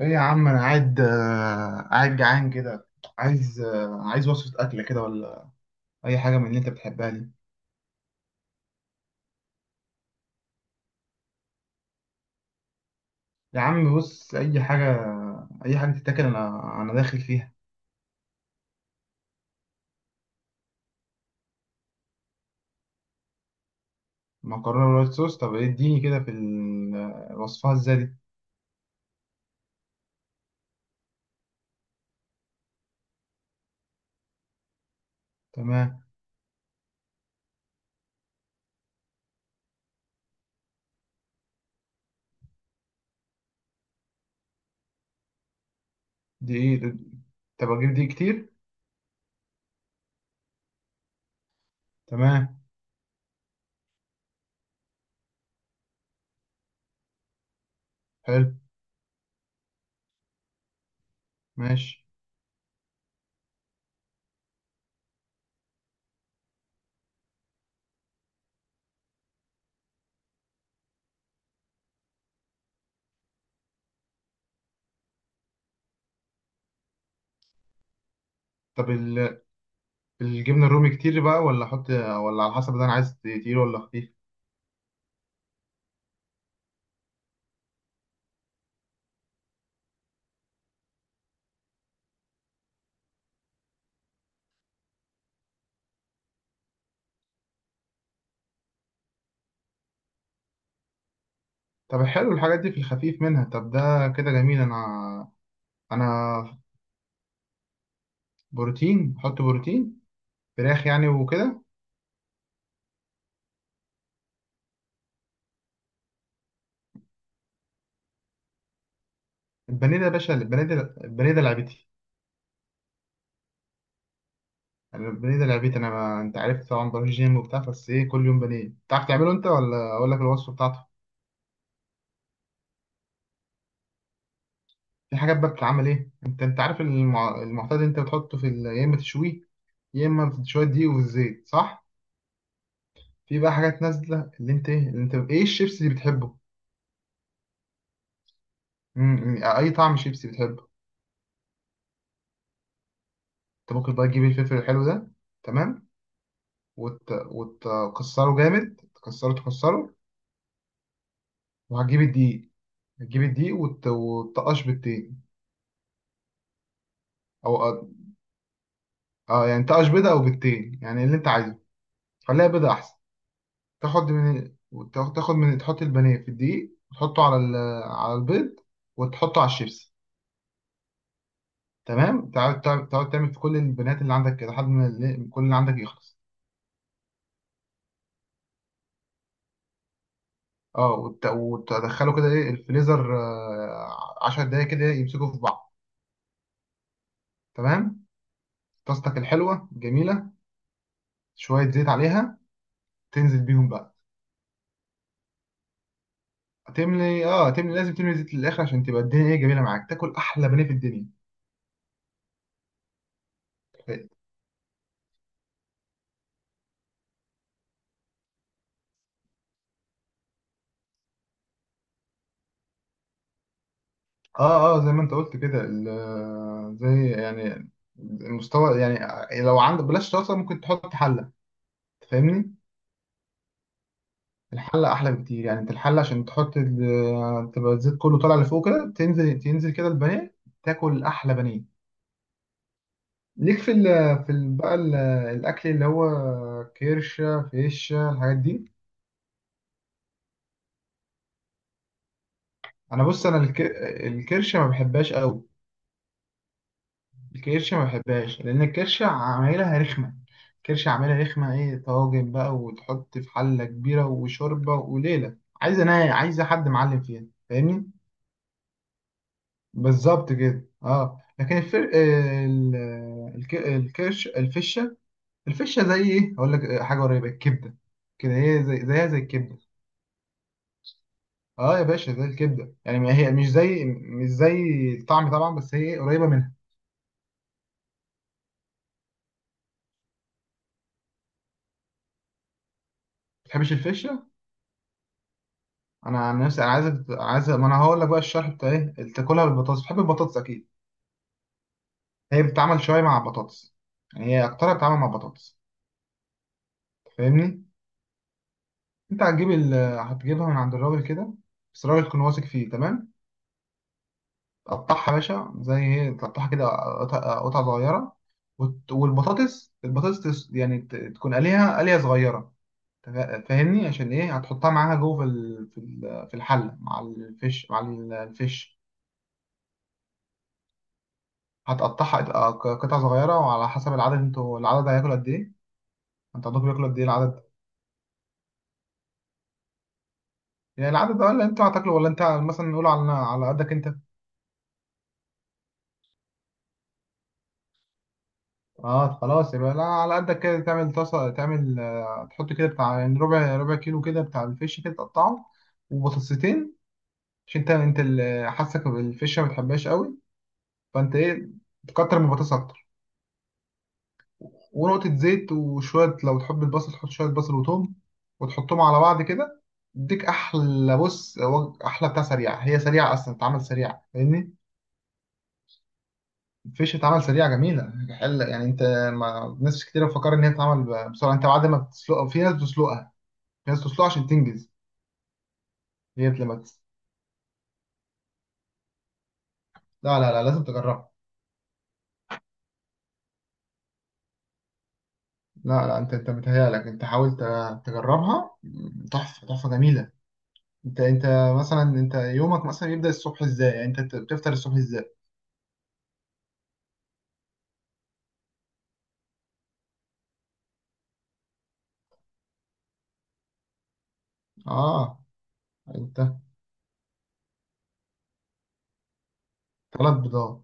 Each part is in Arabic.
ايه يا عم انا قاعد جعان كده. عايز وصفة اكلة كده ولا اي حاجة من اللي انت بتحبها دي. يا عم بص اي حاجة، اي حاجة تتاكل، انا داخل فيها. مكرونة وايت صوص، طب اديني كده في ال- آه، وصفها ازاي دي. تمام. دي ايه طب اجيب دي كتير؟ تمام. حلو. ماشي. طب الجبنة الرومي كتير بقى ولا احط، ولا على حسب ده انا عايز تقيل ولا خفيف؟ طب حلو الحاجات دي، في الخفيف منها؟ طب ده كده جميل. انا بروتين، حط بروتين، فراخ يعني وكده. البانيه ده يا باشا، البانيه ده، البانيه ده لعبتي. يعني البانيه ده لعبتي انا. ما... انت عارف طبعا بروح جيم وبتاع، بس ايه، كل يوم بانيه. تعرف تعمله انت ولا اقول لك الوصفه بتاعته؟ في حاجات بقى بتتعمل ايه، انت عارف المعتاد، انت بتحطه يا اما تشويه، يا اما في شويه دقيق والزيت، صح؟ في بقى حاجات نازله اللي انت ايه، اللي انت ايه، الشيبس اللي بتحبه. اي طعم شيبس بتحبه؟ انت ممكن بقى تجيب الفلفل الحلو ده. تمام. وتكسره جامد، تكسره، تكسره. وهتجيب الدقيق. تجيب الدقيق وتقش بالتين، او اه يعني تقش بيضه او بالتين يعني اللي انت عايزه. خليها بيضه احسن. تاخد من، تحط البانيه في الدقيق، وتحطه على البيض، وتحطه على الشيبس. تمام. تقعد تقعد تعمل في كل البنات اللي عندك كده لحد ما كل اللي عندك يخلص. اه وتدخله كده ايه الفريزر، 10 دقايق كده، يمسكوا في بعض. تمام. طاستك الحلوه جميله، شويه زيت عليها، تنزل بيهم بقى. هتملي، لازم تملي زيت للاخر، عشان تبقى الدنيا ايه، جميله معاك، تاكل احلى بانيه في الدنيا. اه اه، زي ما انت قلت كده، زي يعني المستوى. يعني لو عندك بلاش طاسه، ممكن تحط حله. فاهمني؟ الحله احلى بكتير. يعني انت الحله عشان تحط تبقى الزيت كله طالع لفوق كده، تنزل، تنزل كده البانيه، تاكل احلى بانيه. ليك في ال في ال بقى ال- الاكل اللي هو كرشه، فيشه، الحاجات دي. انا بص، الكرشه ما بحبهاش قوي. الكرشة ما بحبهاش، لأن الكرشة عمايلها رخمة. الكرشة عمايلها رخمة إيه، طواجن بقى وتحط في حلة كبيرة وشوربة وليلة. عايزة، أنا عايزة حد معلم فيها. فاهمني؟ بالظبط كده أه. لكن الفر... آه، ال... الك... الكرش، الفشة، الفشة زي إيه، هقول لك حاجة قريبة الكبدة كده. زيها زي الكبدة. أه يا باشا زي الكبدة، يعني ما هي مش زي مش زي الطعم طبعا، بس هي قريبة منها. ما بتحبش الفشة؟ انا عن نفسي انا عايز ما انا هقول لك بقى الشرح بتاع ايه اللي تاكلها بالبطاطس. بتحب البطاطس اكيد. هي بتتعمل شويه مع البطاطس. يعني هي اكترها بتتعمل مع البطاطس. فاهمني؟ انت هتجيب ال... هتجيبها من عند الراجل كده، بس الراجل تكون واثق فيه تمام. تقطعها يا باشا زي ايه، تقطعها كده قطع قطع صغيره. وت... والبطاطس، البطاطس تس... يعني ت... تكون قليها قليه صغيره. فاهمني، عشان ايه، هتحطها معاها جوه في الحله، مع الفيش، مع الفيش. هتقطعها قطع صغيرة، وعلى حسب العدد انتوا. العدد هياكل قد ايه؟ انت عندكم بياكلوا قد ايه العدد؟ يعني العدد ده، ولا انت هتاكله، ولا انت مثلا نقول على قدك انت؟ اه خلاص، يبقى لا، على قدك كده. تعمل طاسة، تعمل تحط كده بتاع يعني ربع كيلو كده بتاع الفيش، كده تقطعه. وبطاطستين، عشان انت اللي حاسك بالفيش ما بتحبهاش قوي. فانت ايه، تكتر من البطاطس اكتر. ونقطة زيت، وشوية لو تحب البصل تحط شوية بصل وتوم، وتحطهم على بعض كده. يديك أحلى أحلى بتاع سريعة. هي سريعة أصلا، بتتعمل سريعة. فاهمني؟ الفيش بتتعمل سريعة، جميلة. حلة يعني أنت. ما ناس كتير بتفكر إن هي بتتعمل بسرعة. أنت بعد ما بتسلقها، في ناس بتسلقها، في ناس بتسلقها عشان تنجز. هي لما تس... لا لا لا، لازم تجربها. لا لا، أنت متهيألك. أنت حاول تجربها، تحفة، تحفة جميلة. أنت مثلا، أنت يومك مثلا يبدأ الصبح إزاي؟ يعني أنت بتفطر الصبح إزاي؟ اه. انت. 3 بيضات.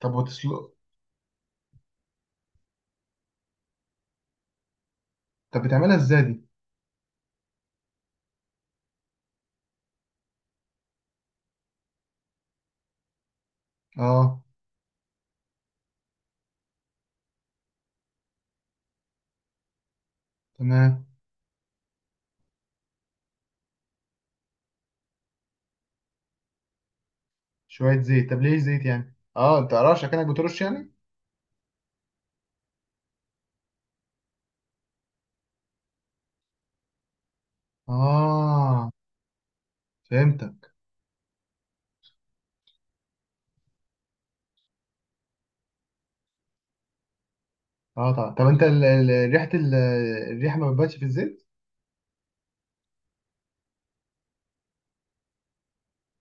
طب وتسلق؟ طب بتعملها ازاي دي؟ اه. تمام. شوية زيت، طب ليه زيت يعني؟ اه، انت رش، كأنك بترش يعني. اه، فهمتك. اه طبعا. طب انت ريحة الريحة ما بتبانش في الزيت؟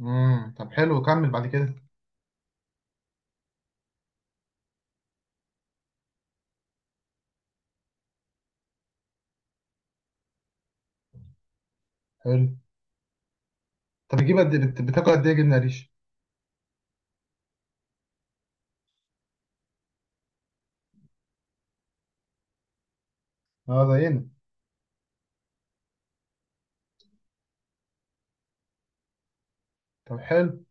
طب حلو، كمل بعد كده. حلو. طب بتجيب قد إيه؟ بتاكل قد ايه جبنة قريش؟ اه زينا. طب حلو.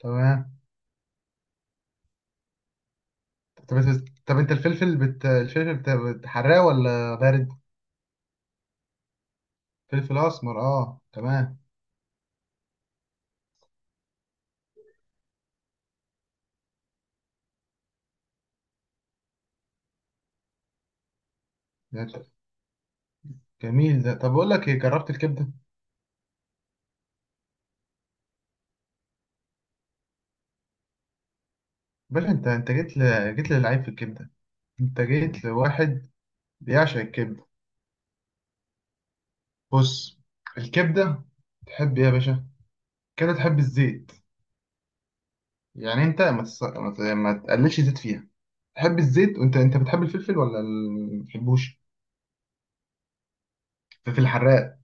تمام. طب انت الفلفل بتحرقه ولا بارد؟ فلفل اسمر، اه تمام. جميل ده. طب اقول لك ايه، جربت الكبده؟ باشا، انت جيت جيت للعيب في الكبده. انت جيت لواحد بيعشق الكبده. بص، الكبده. تحب ايه يا باشا كده، تحب الزيت؟ يعني انت ما, تس... ما ت- ما تقللش زيت فيها. تحب الزيت. وانت، بتحب الفلفل ولا ما بتحبوش؟ الفلفل الحراق.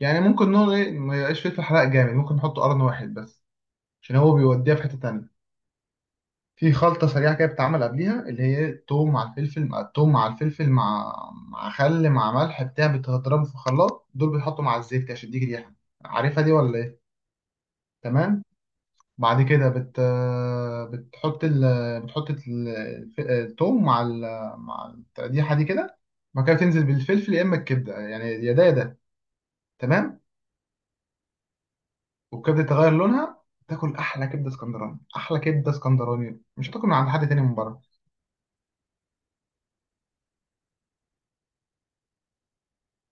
يعني ممكن نقول ايه، ما يبقاش فلفل حراق جامد، ممكن نحطه قرن واحد بس، عشان هو بيوديها في حته تانية. في خلطة سريعة كده بتتعمل قبليها، اللي هي التوم مع الفلفل، مع خل، مع ملح بتاع، بتضربه في الخلاط، دول بيتحطوا مع الزيت كده عشان يديك ريحة. عارفها دي ولا ايه؟ تمام. بعد كده بت بتحط ال... بتحط ال- الف- التوم مع مع التقديحة دي كده. بعد كده تنزل بالفلفل، يا اما الكبدة يعني، يا ده يا ده. تمام. والكبدة تغير لونها، تاكل احلى كبدة اسكندراني. احلى كبدة اسكندراني مش هتاكل من عند حد تاني من بره.